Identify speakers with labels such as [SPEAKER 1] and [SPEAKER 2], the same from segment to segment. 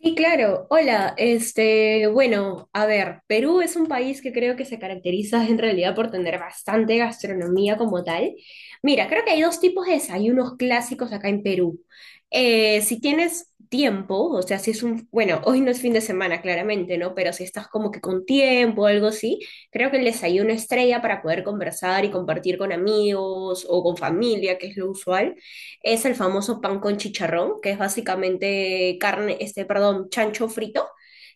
[SPEAKER 1] Sí, claro. Hola, bueno, a ver, Perú es un país que creo que se caracteriza en realidad por tener bastante gastronomía como tal. Mira, creo que hay dos tipos de desayunos clásicos acá en Perú. Si tienes tiempo, o sea, si es un, bueno, hoy no es fin de semana, claramente, ¿no? Pero si estás como que con tiempo o algo así, creo que el desayuno estrella para poder conversar y compartir con amigos o con familia, que es lo usual, es el famoso pan con chicharrón, que es básicamente carne, perdón, chancho frito.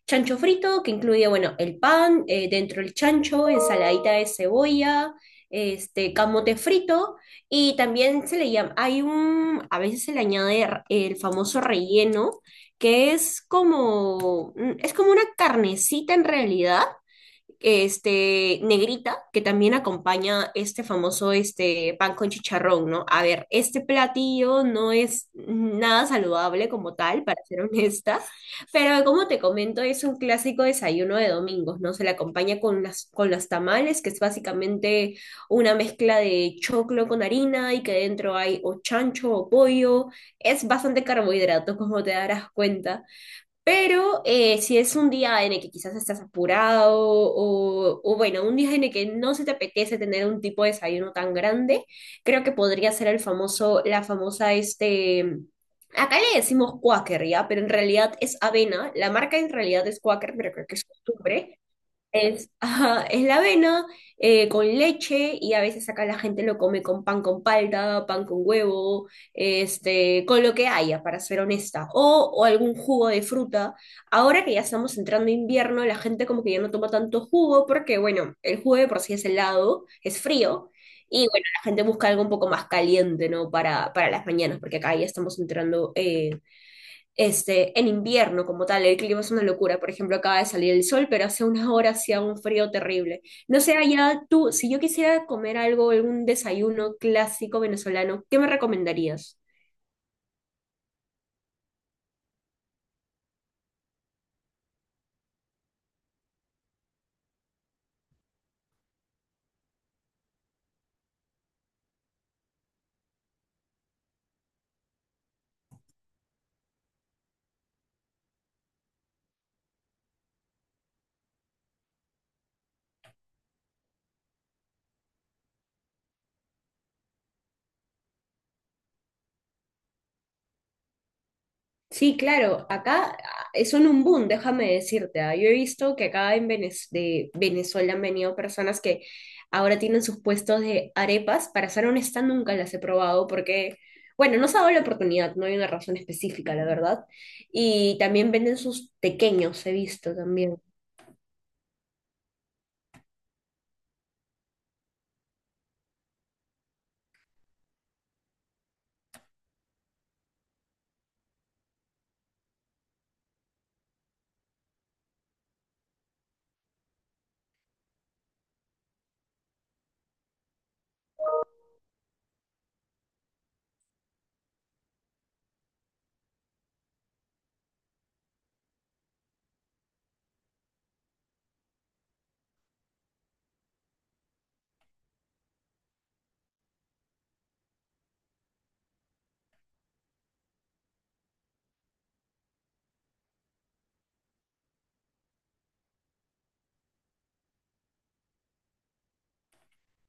[SPEAKER 1] Chancho frito que incluye, bueno, el pan, dentro el chancho, ensaladita de cebolla, camote frito, y también se le llama, hay un, a veces se le añade el famoso relleno, que es como, es como una carnecita en realidad, negrita, que también acompaña este famoso, pan con chicharrón, ¿no? A ver, este platillo no es nada saludable como tal, para ser honesta, pero como te comento, es un clásico desayuno de domingos, ¿no? Se le acompaña con las, con los tamales, que es básicamente una mezcla de choclo con harina y que dentro hay o chancho o pollo, es bastante carbohidrato, como te darás cuenta. Pero si es un día en el que quizás estás apurado o bueno, un día en el que no se te apetece tener un tipo de desayuno tan grande, creo que podría ser el famoso, la famosa, acá le decimos Quaker, ¿ya? Pero en realidad es avena, la marca en realidad es Quaker, pero creo que es costumbre, es, ajá, es la avena con leche, y a veces acá la gente lo come con pan con palta, pan con huevo, con lo que haya, para ser honesta, o algún jugo de fruta. Ahora que ya estamos entrando a invierno, la gente como que ya no toma tanto jugo porque, bueno, el jugo de por sí es helado, es frío, y bueno, la gente busca algo un poco más caliente, ¿no? Para las mañanas, porque acá ya estamos entrando en invierno como tal, el clima es una locura. Por ejemplo, acaba de salir el sol, pero hace unas horas hacía un frío terrible. No sé, allá tú, si yo quisiera comer algo, algún desayuno clásico venezolano, ¿qué me recomendarías? Sí, claro, acá ah, son un boom, déjame decirte. Ah. Yo he visto que acá en de Venezuela han venido personas que ahora tienen sus puestos de arepas. Para ser honesta, nunca las he probado porque, bueno, no se ha dado la oportunidad, no hay una razón específica, la verdad. Y también venden sus pequeños, he visto también.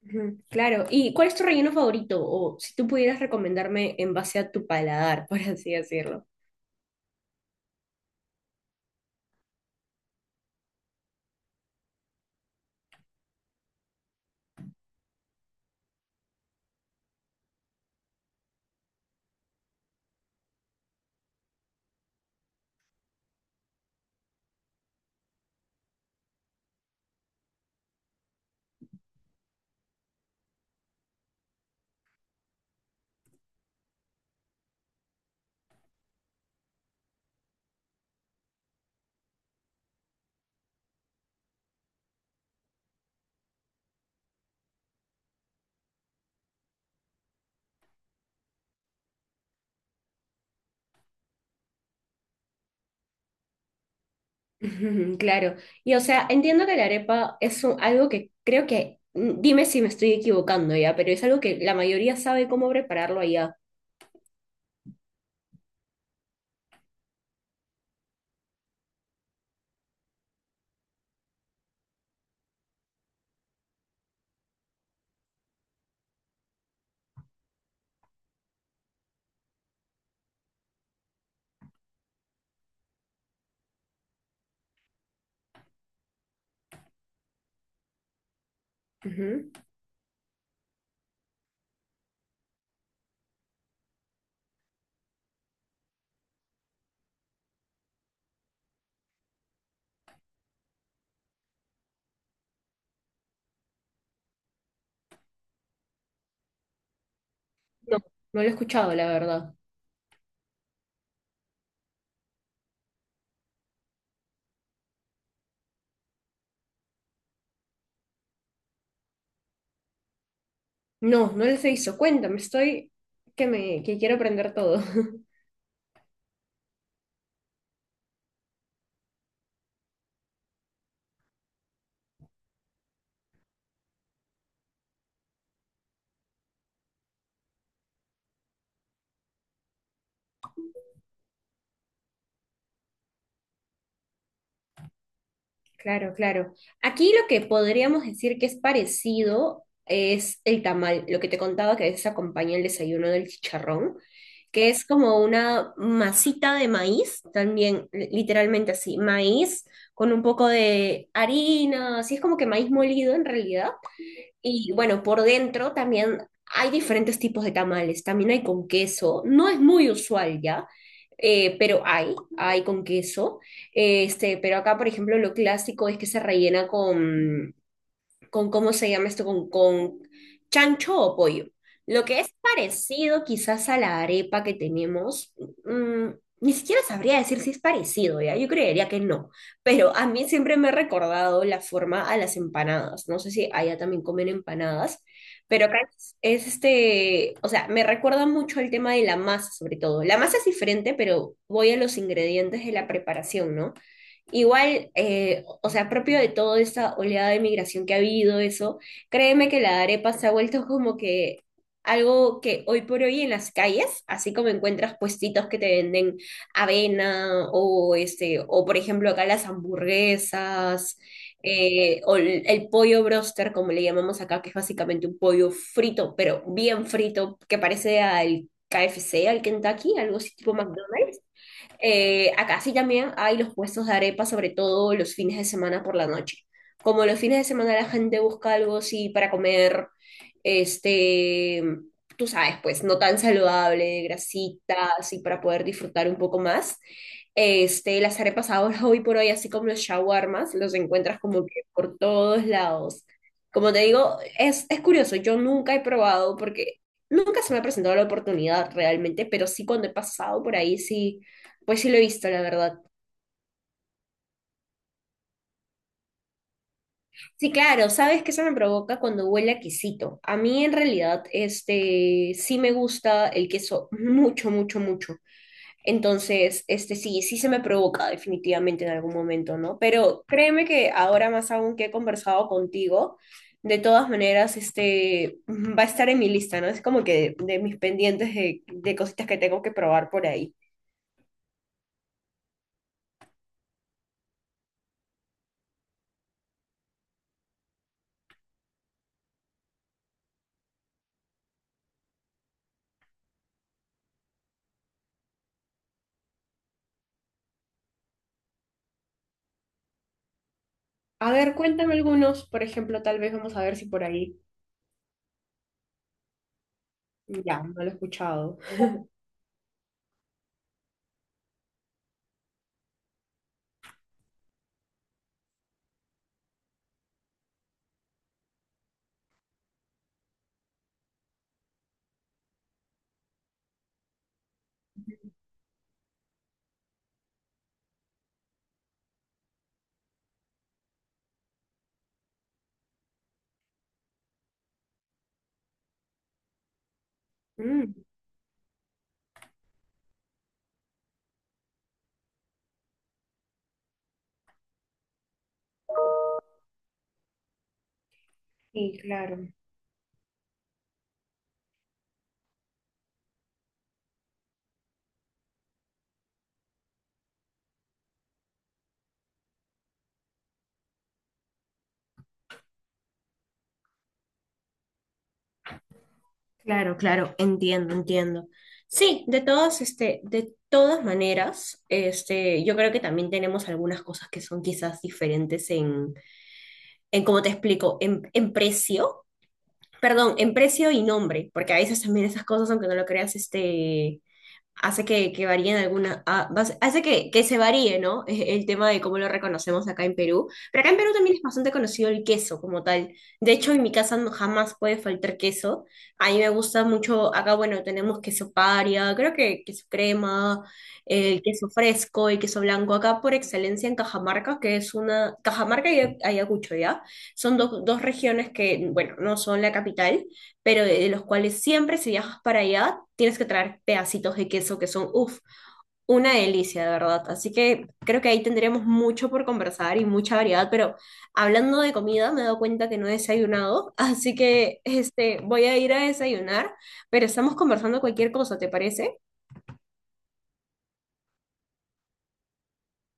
[SPEAKER 1] Ujú, claro, ¿y cuál es tu relleno favorito? O si tú pudieras recomendarme en base a tu paladar, por así decirlo. Ujú, claro, y o sea, entiendo que la arepa es algo que creo que, mm, dime si me estoy equivocando ya, pero es algo que la mayoría sabe cómo prepararlo allá. Ujú. No, no lo he escuchado, la verdad. No, no les he visto. Cuéntame, estoy que quiero aprender todo. Claro, claro. Aquí lo que podríamos decir que es parecido es el tamal, lo que te contaba que a veces acompaña el desayuno del chicharrón, que es como una masita de maíz, también literalmente así, maíz con un poco de harina, así es como que maíz molido en realidad, y bueno, por dentro también hay diferentes tipos de tamales. También hay con queso. No es muy usual ya, pero hay con queso. Pero acá, por ejemplo, lo clásico es que se rellena con cómo se llama esto, con chancho o pollo. Lo que es parecido quizás a la arepa que tenemos, mm, ni siquiera sabría decir si es parecido, ¿ya? Yo creería que no, pero a mí siempre me ha recordado la forma a las empanadas. No sé si allá también comen empanadas, pero acá es o sea, me recuerda mucho al tema de la masa, sobre todo. La masa es diferente, pero voy a los ingredientes de la preparación, ¿no? Igual, o sea, propio de toda esta oleada de migración que ha habido, eso, créeme que la arepa se ha vuelto como que algo que hoy por hoy en las calles, así como encuentras puestitos que te venden avena o o por ejemplo acá las hamburguesas, o el pollo broster, como le llamamos acá, que es básicamente un pollo frito, pero bien frito, que parece al KFC, al Kentucky, algo así tipo McDonald's. Acá sí también hay los puestos de arepa, sobre todo los fines de semana por la noche. Como los fines de semana la gente busca algo así para comer, este, tú sabes, pues no tan saludable, grasita, así para poder disfrutar un poco más. Las arepas ahora, hoy por hoy, así como los shawarmas, los encuentras como que por todos lados. Como te digo, es curioso, yo nunca he probado porque nunca se me ha presentado la oportunidad realmente, pero sí cuando he pasado por ahí, sí, pues sí lo he visto, la verdad. Sí, claro, ¿sabes qué se me provoca cuando huele a quesito? A mí en realidad, sí me gusta el queso mucho, mucho, mucho. Entonces, sí, sí se me provoca definitivamente en algún momento, ¿no? Pero créeme que ahora más aún que he conversado contigo, de todas maneras, va a estar en mi lista, ¿no? Es como que de mis pendientes de cositas que tengo que probar por ahí. A ver, cuéntame algunos, por ejemplo, tal vez vamos a ver si por ahí. Ya, no lo he escuchado. Mm, sí, claro. Claro, claro, entiendo, entiendo. Sí, de todas, de todas maneras, yo creo que también tenemos algunas cosas que son quizás diferentes en cómo te explico, en precio, perdón, en precio y nombre, porque a veces también esas cosas, aunque no lo creas, hace que varíen algunas, hace que se varíe, ¿no? El tema de cómo lo reconocemos acá en Perú. Pero acá en Perú también es bastante conocido el queso como tal. De hecho, en mi casa jamás puede faltar queso. A mí me gusta mucho, acá, bueno, tenemos queso paria, creo que queso crema, el queso fresco, el queso blanco. Acá por excelencia en Cajamarca, que es una... Cajamarca y Ayacucho, ¿ya? Son dos regiones que, bueno, no son la capital, pero de los cuales siempre si viajas para allá tienes que traer pedacitos de queso que son, uff, una delicia, de verdad. Así que creo que ahí tendremos mucho por conversar y mucha variedad, pero hablando de comida me he dado cuenta que no he desayunado, así que voy a ir a desayunar, pero estamos conversando cualquier cosa, ¿te parece?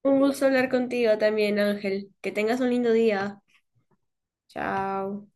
[SPEAKER 1] Un gusto hablar contigo también, Ángel. Que tengas un lindo día. Chao.